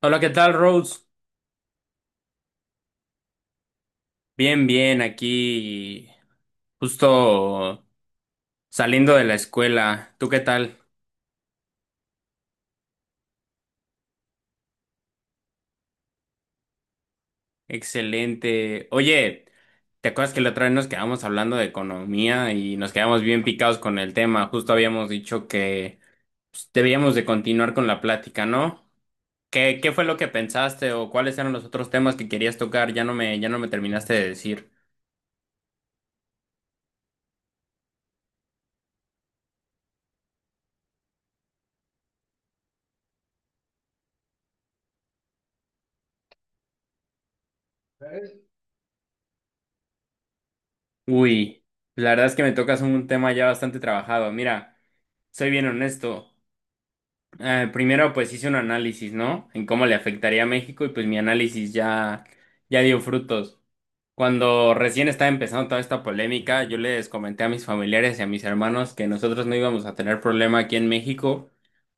Hola, ¿qué tal, Rose? Bien, bien, aquí justo saliendo de la escuela. ¿Tú qué tal? Excelente. Oye, ¿te acuerdas que la otra vez nos quedamos hablando de economía y nos quedamos bien picados con el tema? Justo habíamos dicho que pues, debíamos de continuar con la plática, ¿no? ¿Qué fue lo que pensaste o cuáles eran los otros temas que querías tocar? Ya no me terminaste de decir. Uy, la verdad es que me tocas un tema ya bastante trabajado. Mira, soy bien honesto. Primero, pues hice un análisis, ¿no? En cómo le afectaría a México y pues mi análisis ya dio frutos. Cuando recién estaba empezando toda esta polémica, yo les comenté a mis familiares y a mis hermanos que nosotros no íbamos a tener problema aquí en México,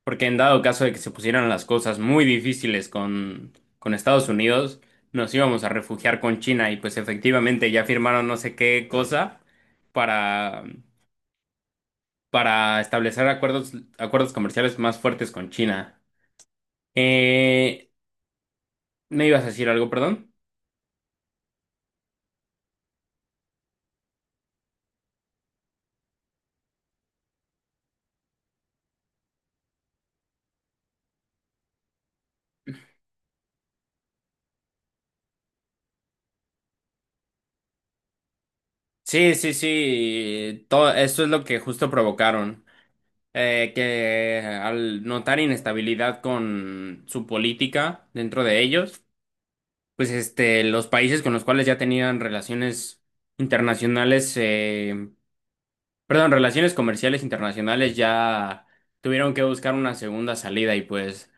porque en dado caso de que se pusieran las cosas muy difíciles con Estados Unidos, nos íbamos a refugiar con China y pues efectivamente ya firmaron no sé qué cosa para, para establecer acuerdos comerciales más fuertes con China. Eh, ¿Me ibas a decir algo, perdón? Sí, sí, sí. Todo esto es lo que justo provocaron. Que al notar inestabilidad con su política dentro de ellos, pues este, los países con los cuales ya tenían relaciones internacionales, perdón, relaciones comerciales internacionales ya tuvieron que buscar una segunda salida y pues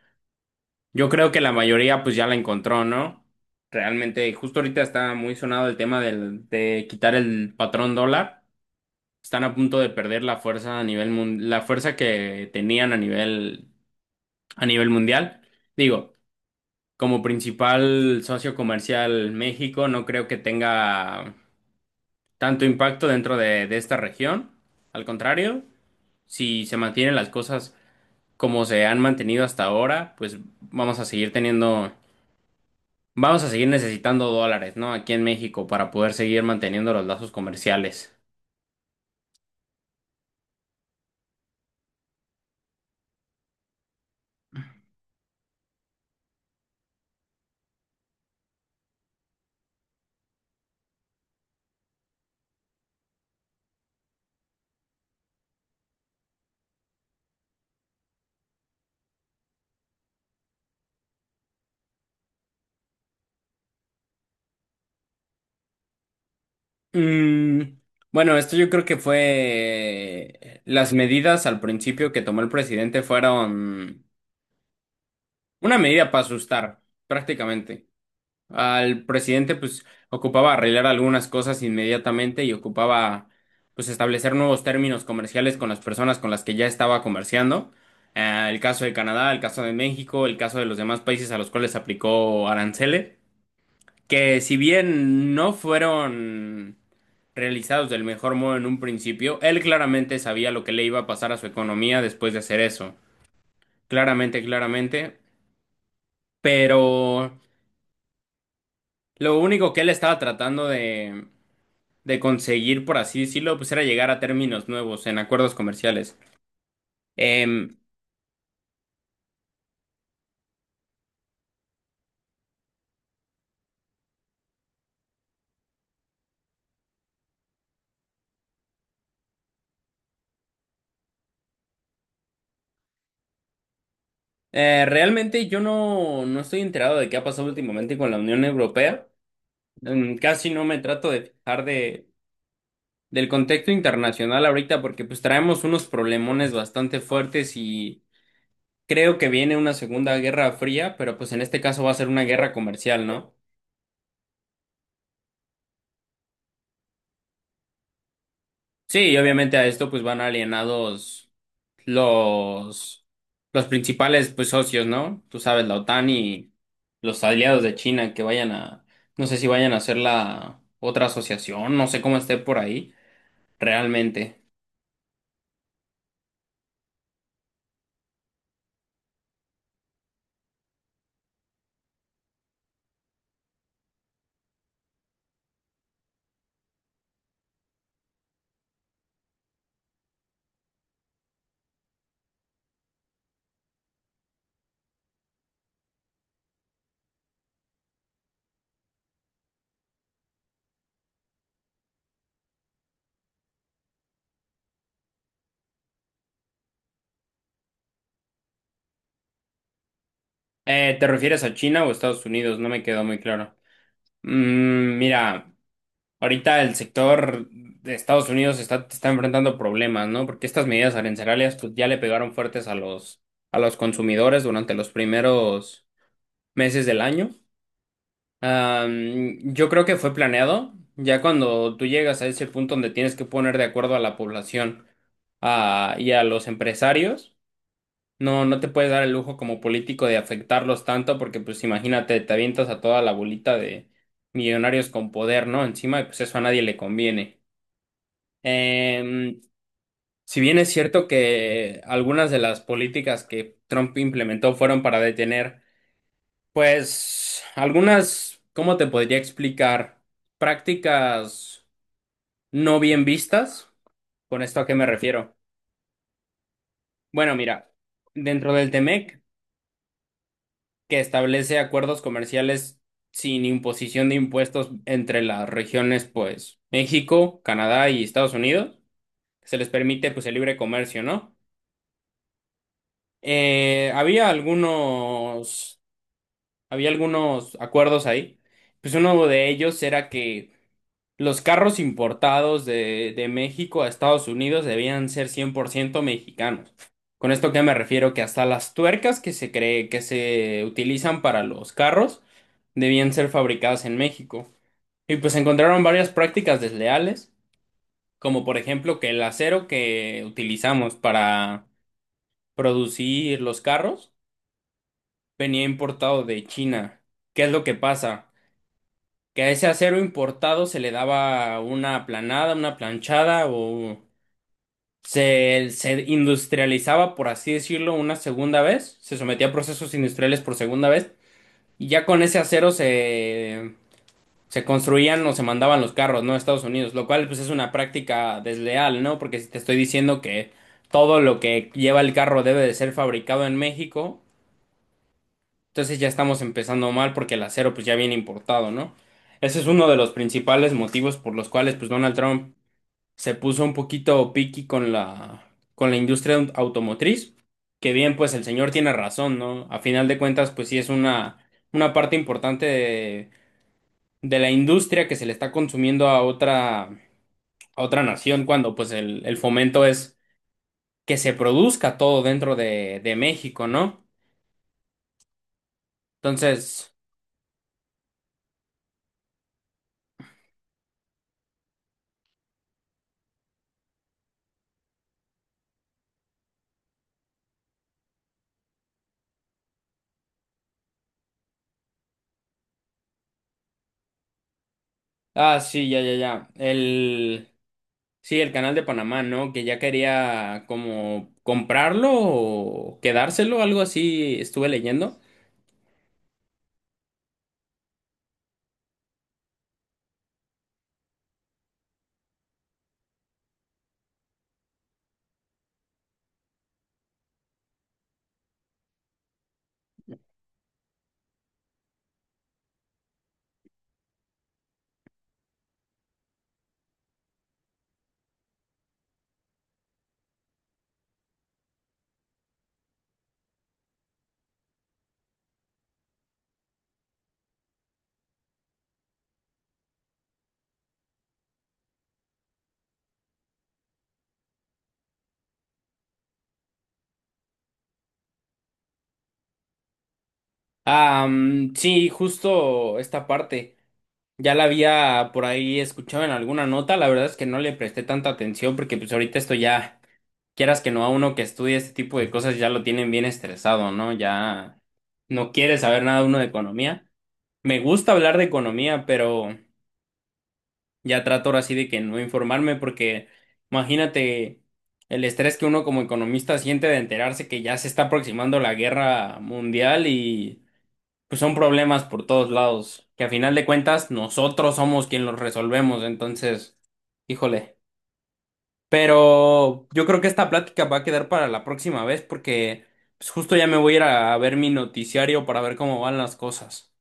yo creo que la mayoría pues ya la encontró, ¿no? Realmente, justo ahorita está muy sonado el tema del, de quitar el patrón dólar. Están a punto de perder la fuerza a nivel la fuerza que tenían a nivel mundial. Digo, como principal socio comercial México, no creo que tenga tanto impacto dentro de esta región. Al contrario, si se mantienen las cosas como se han mantenido hasta ahora, pues vamos a seguir teniendo, vamos a seguir necesitando dólares, ¿no? Aquí en México para poder seguir manteniendo los lazos comerciales. Mm, bueno, esto yo creo que fue... Las medidas al principio que tomó el presidente fueron una medida para asustar, prácticamente. Al presidente pues ocupaba arreglar algunas cosas inmediatamente y ocupaba pues establecer nuevos términos comerciales con las personas con las que ya estaba comerciando. El caso de Canadá, el caso de México, el caso de los demás países a los cuales aplicó aranceles. Que si bien no fueron realizados del mejor modo en un principio, él claramente sabía lo que le iba a pasar a su economía después de hacer eso. Claramente, claramente. Pero lo único que él estaba tratando de conseguir, por así decirlo, pues era llegar a términos nuevos en acuerdos comerciales. Em, Realmente yo no estoy enterado de qué ha pasado últimamente con la Unión Europea. Casi no me trato de fijar de del contexto internacional ahorita porque pues traemos unos problemones bastante fuertes y creo que viene una segunda guerra fría, pero pues en este caso va a ser una guerra comercial, ¿no? Sí, y obviamente a esto pues van alienados los los principales pues socios, ¿no? Tú sabes, la OTAN y los aliados de China que vayan a, no sé si vayan a hacer la otra asociación, no sé cómo esté por ahí realmente. ¿Te refieres a China o Estados Unidos? No me quedó muy claro. Mm, mira, ahorita el sector de Estados Unidos está enfrentando problemas, ¿no? Porque estas medidas arancelarias pues, ya le pegaron fuertes a a los consumidores durante los primeros meses del año. Am, yo creo que fue planeado, ya cuando tú llegas a ese punto donde tienes que poner de acuerdo a la población, ah, y a los empresarios. No te puedes dar el lujo como político de afectarlos tanto porque pues imagínate, te avientas a toda la bolita de millonarios con poder, ¿no? Encima, y pues eso a nadie le conviene. Em, si bien es cierto que algunas de las políticas que Trump implementó fueron para detener, pues algunas, ¿cómo te podría explicar? Prácticas no bien vistas. ¿Con esto a qué me refiero? Bueno, mira, dentro del t que establece acuerdos comerciales sin imposición de impuestos entre las regiones, pues México, Canadá y Estados Unidos. Se les permite pues el libre comercio, ¿no? Eh, había algunos, había algunos acuerdos ahí. Pues uno de ellos era que los carros importados de México a Estados Unidos debían ser 100% mexicanos. Con esto que me refiero que hasta las tuercas que se cree que se utilizan para los carros debían ser fabricadas en México. Y pues encontraron varias prácticas desleales, como por ejemplo que el acero que utilizamos para producir los carros venía importado de China. ¿Qué es lo que pasa? Que a ese acero importado se le daba una aplanada, una planchada o se industrializaba, por así decirlo, una segunda vez, se sometía a procesos industriales por segunda vez y ya con ese acero se, se construían o se mandaban los carros, ¿no? A Estados Unidos, lo cual pues es una práctica desleal, ¿no? Porque si te estoy diciendo que todo lo que lleva el carro debe de ser fabricado en México, entonces ya estamos empezando mal porque el acero pues ya viene importado, ¿no? Ese es uno de los principales motivos por los cuales pues Donald Trump se puso un poquito piqui con la, con la industria automotriz, que bien pues el señor tiene razón, ¿no? A final de cuentas pues sí es una parte importante de la industria que se le está consumiendo a otra nación cuando pues el fomento es que se produzca todo dentro de México, ¿no? Entonces, ah, sí, ya, ya, ya. El, sí, el canal de Panamá, ¿no? Que ya quería como comprarlo o quedárselo, algo así estuve leyendo. Ah, mm, sí, justo esta parte. Ya la había por ahí escuchado en alguna nota, la verdad es que no le presté tanta atención porque pues ahorita esto ya, quieras que no, a uno que estudie este tipo de cosas ya lo tienen bien estresado, ¿no? Ya no quiere saber nada uno de economía. Me gusta hablar de economía, pero ya trato ahora sí de que no informarme porque imagínate el estrés que uno como economista siente de enterarse que ya se está aproximando la guerra mundial y pues son problemas por todos lados, que a final de cuentas nosotros somos quien los resolvemos, entonces, híjole. Pero yo creo que esta plática va a quedar para la próxima vez porque pues, justo ya me voy a ir a ver mi noticiario para ver cómo van las cosas.